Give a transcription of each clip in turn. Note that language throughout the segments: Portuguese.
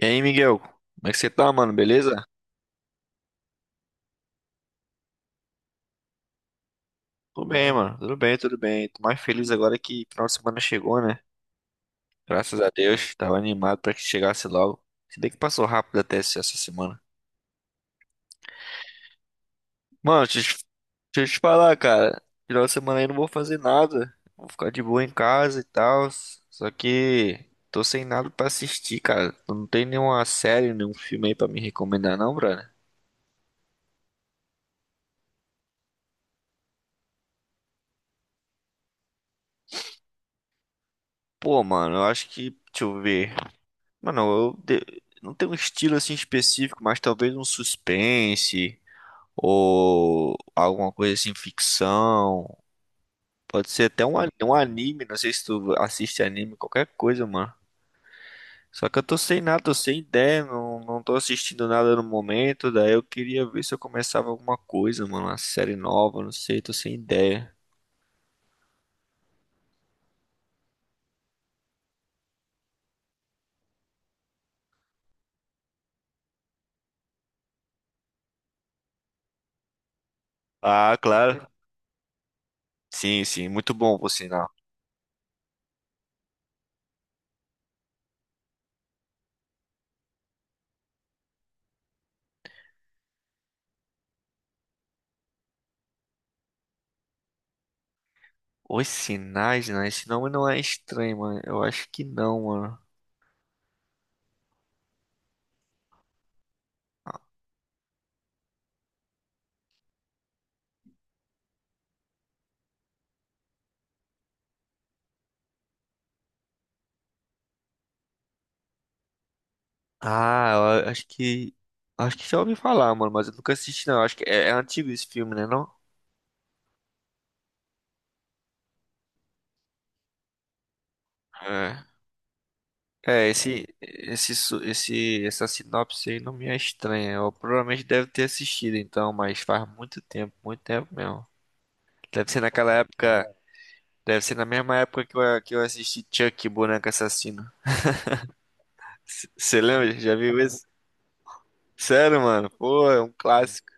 E aí, Miguel? Como é que você tá, mano? Beleza? Tudo bem, mano. Tudo bem, tudo bem. Tô mais feliz agora que final de semana chegou, né? Graças a Deus. Tava animado pra que chegasse logo. Se bem que passou rápido até essa semana. Mano, deixa eu te falar, cara. Final de semana aí eu não vou fazer nada. Vou ficar de boa em casa e tal. Só que tô sem nada pra assistir, cara. Tu Não tem nenhuma série, nenhum filme aí pra me recomendar, não, brother? Pô, mano, eu acho que. Deixa eu ver. Mano, não tenho um estilo assim específico, mas talvez um suspense ou alguma coisa assim, ficção. Pode ser até um anime, não sei se tu assiste anime, qualquer coisa, mano. Só que eu tô sem nada, tô sem ideia, não tô assistindo nada no momento, daí eu queria ver se eu começava alguma coisa, mano, uma série nova, não sei, tô sem ideia. Ah, claro. Sim, sim, muito bom por sinal. Os sinais, né? Esse nome não é estranho, mano. Eu acho que não, mano. Ah, eu acho que. Acho que já ouvi falar, mano, mas eu nunca assisti, não. Acho que é antigo esse filme, né, não? É. É, essa sinopse aí não me é estranha. Eu provavelmente deve ter assistido, então, mas faz muito tempo mesmo. Deve ser naquela época, deve ser na mesma época que eu assisti Chuck, Boneco Assassino. Você lembra? Já viu isso? Sério, mano? Pô, é um clássico.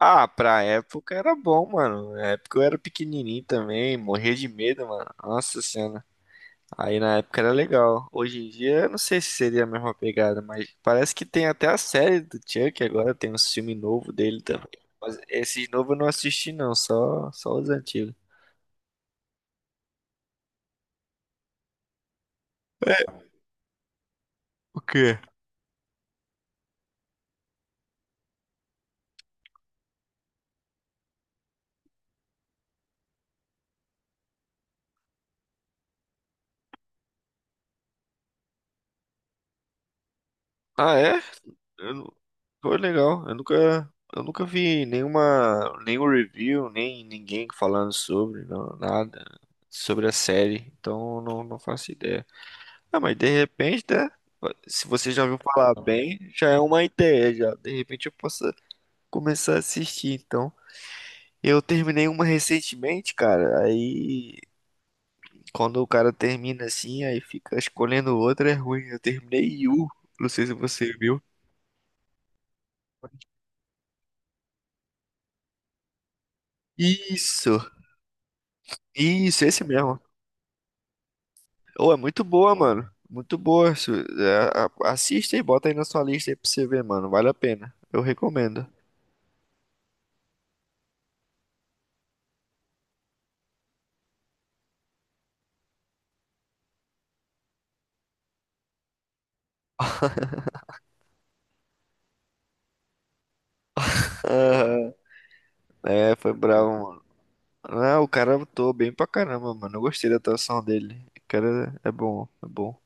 Ah, pra época era bom, mano. Na época eu era pequenininho também, morria de medo, mano. Nossa senhora. Aí na época era legal. Hoje em dia eu não sei se seria a mesma pegada, mas parece que tem até a série do Chuck agora, tem um filme novo dele também. Mas esse novo eu não assisti não, só os antigos. Que? Ah, é? Eu não- Foi legal. Eu nunca vi nenhum review, nem ninguém falando sobre, não, nada sobre a série. Então eu não faço ideia. Ah, mas de repente, né? Se você já ouviu falar bem, já é uma ideia, já. De repente eu posso começar a assistir, então. Eu terminei uma recentemente, cara. Aí, quando o cara termina assim, aí fica escolhendo outra, é ruim. Eu terminei Yu. Não sei se você viu. Isso, isso, esse mesmo. Oh, é muito boa, mano. Muito boa. Assista e bota aí na sua lista aí pra você ver, mano. Vale a pena. Eu recomendo. Aham. É, foi bravo. Ah, o cara atuou bem pra caramba, mano. Eu gostei da atuação dele. O cara é bom, é bom.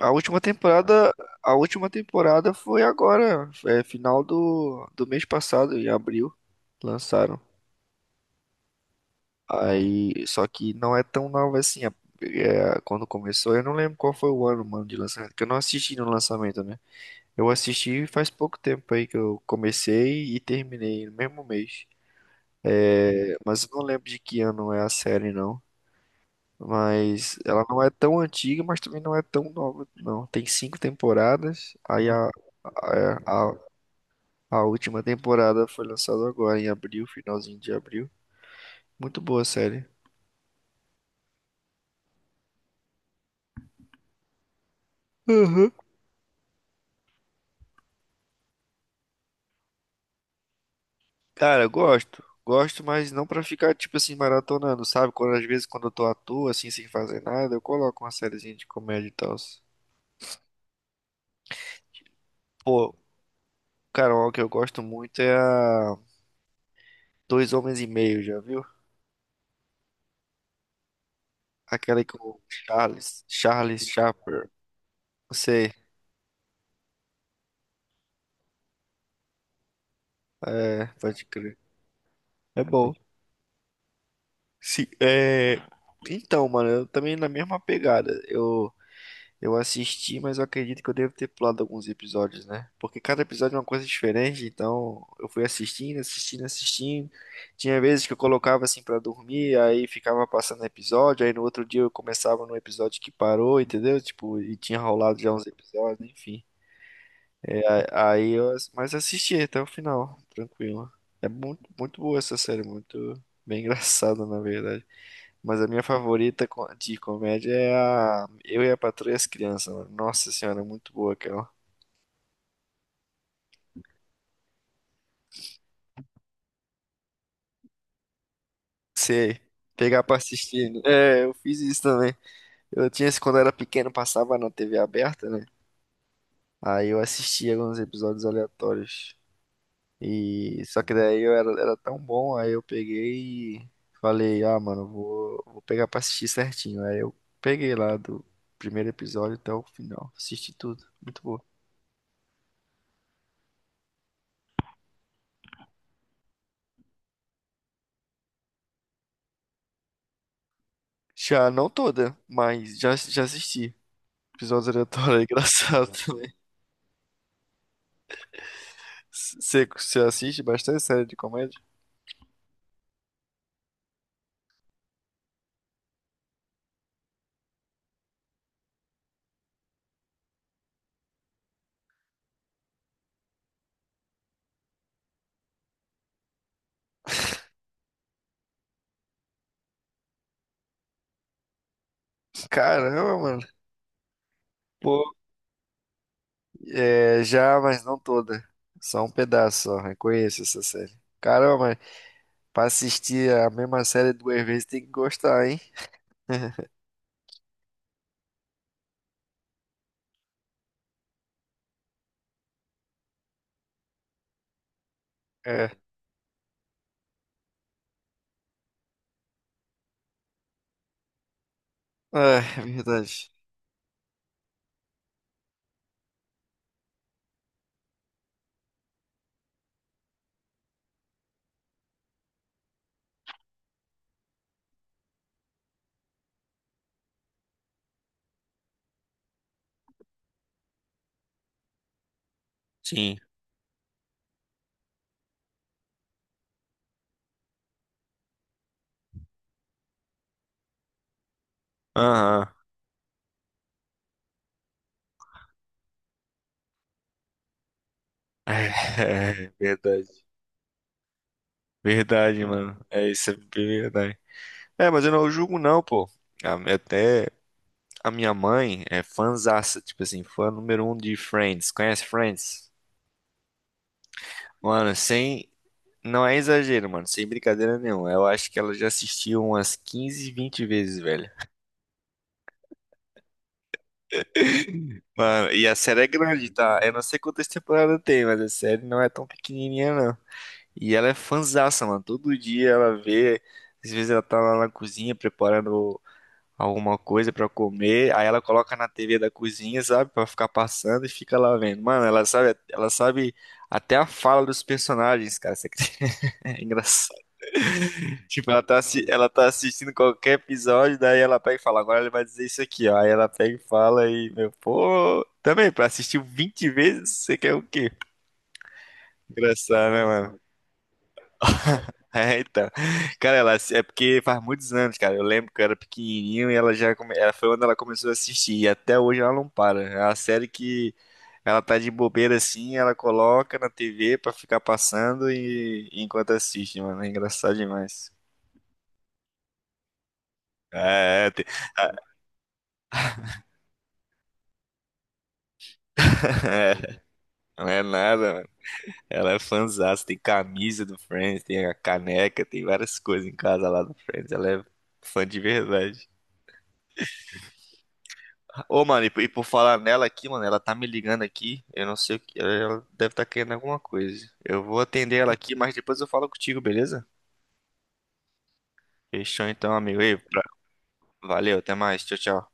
A última temporada, a última temporada foi agora, é final do, do mês passado, em abril, lançaram. Aí, só que não é tão nova assim. Quando começou, eu não lembro qual foi o ano, mano, de lançamento, porque eu não assisti no lançamento, né? Eu assisti faz pouco tempo aí que eu comecei e terminei no mesmo mês. É, mas eu não lembro de que ano é a série, não. Mas ela não é tão antiga, mas também não é tão nova, não. Tem cinco temporadas. Aí a, a, a última temporada foi lançada agora, em abril, finalzinho de abril. Muito boa a série. Uhum. Cara, eu gosto. Gosto, mas não pra ficar, tipo assim, maratonando, sabe? Quando, às vezes, quando eu tô à toa, assim, sem fazer nada, eu coloco uma sériezinha de comédia e tal. Pô, cara, uma que eu gosto muito é a Dois Homens e Meio, já viu? Aquela com o Charles, Charles Chaplin. Não sei. É, pode crer. É bom. Se, é... Então, mano, eu também na mesma pegada. Eu assisti, mas eu acredito que eu devo ter pulado alguns episódios, né? Porque cada episódio é uma coisa diferente, então eu fui assistindo. Tinha vezes que eu colocava assim pra dormir, aí ficava passando episódio, aí no outro dia eu começava no episódio que parou, entendeu? Tipo, e tinha rolado já uns episódios, enfim. Aí eu, ass- mas assisti até o final, tranquilo. É muito, muito boa essa série, muito bem engraçada, na verdade. Mas a minha favorita de comédia é a Eu e a Patroa e as Crianças, mano. Nossa senhora, é muito boa aquela. Sei, pegar pra assistir. Né? É, eu fiz isso também. Eu tinha esse quando eu era pequeno, passava na TV aberta, né? Aí eu assistia alguns episódios aleatórios. E só que daí era tão bom, aí eu peguei e falei, ah, mano, vou pegar pra assistir certinho. Aí eu peguei lá do primeiro episódio até o final. Assisti tudo. Muito bom. Já não toda, mas já, já assisti. Episódios aleatórios, é engraçado também. Você assiste bastante série de comédia? Caramba, mano. Pô, é, já, mas não toda. Só um pedaço, só. Reconheço essa série. Caramba, mas pra assistir a mesma série duas vezes tem que gostar, hein? É. Ah, é verdade. Sim. Aham. É, verdade. Verdade, mano. É isso, é bem verdade. É, mas eu não julgo não, pô. A- Até a minha mãe é fãzaça, tipo assim, fã número um de Friends. Conhece Friends? Mano, sem... Não é exagero, mano. Sem brincadeira nenhuma. Eu acho que ela já assistiu umas 15 20 vezes, velho. Mano, e a série é grande, tá? Eu não sei quantas temporadas tem, mas a série não é tão pequenininha, não. E ela é fanzaça, mano. Todo dia ela vê. Às vezes ela tá lá na cozinha preparando alguma coisa pra comer. Aí ela coloca na TV da cozinha, sabe? Pra ficar passando e fica lá vendo. Mano, ela sabe até a fala dos personagens, cara. Você acredita? É engraçado. Tipo, ela tá assistindo qualquer episódio, daí ela pega e fala, agora ele vai dizer isso aqui, ó. Aí ela pega e fala e, meu, pô, também, pra assistir 20 vezes, você quer o quê? Engraçado, né, mano? É, então. Cara, ela é porque faz muitos anos, cara. Eu lembro que eu era pequenininho e ela já come... ela foi onde ela começou a assistir e até hoje ela não para. É uma série que ela tá de bobeira assim, ela coloca na TV pra ficar passando e enquanto assiste, mano. É engraçado demais. É, é, tem- não é nada, mano. Ela é fãzaça, tem camisa do Friends, tem a caneca, tem várias coisas em casa lá do Friends. Ela é fã de verdade. Ô, mano, e por falar nela aqui, mano, ela tá me ligando aqui. Eu não sei o que. Ela deve estar querendo alguma coisa. Eu vou atender ela aqui, mas depois eu falo contigo, beleza? Fechou então, amigo. Ei, pra- Valeu, até mais. Tchau, tchau.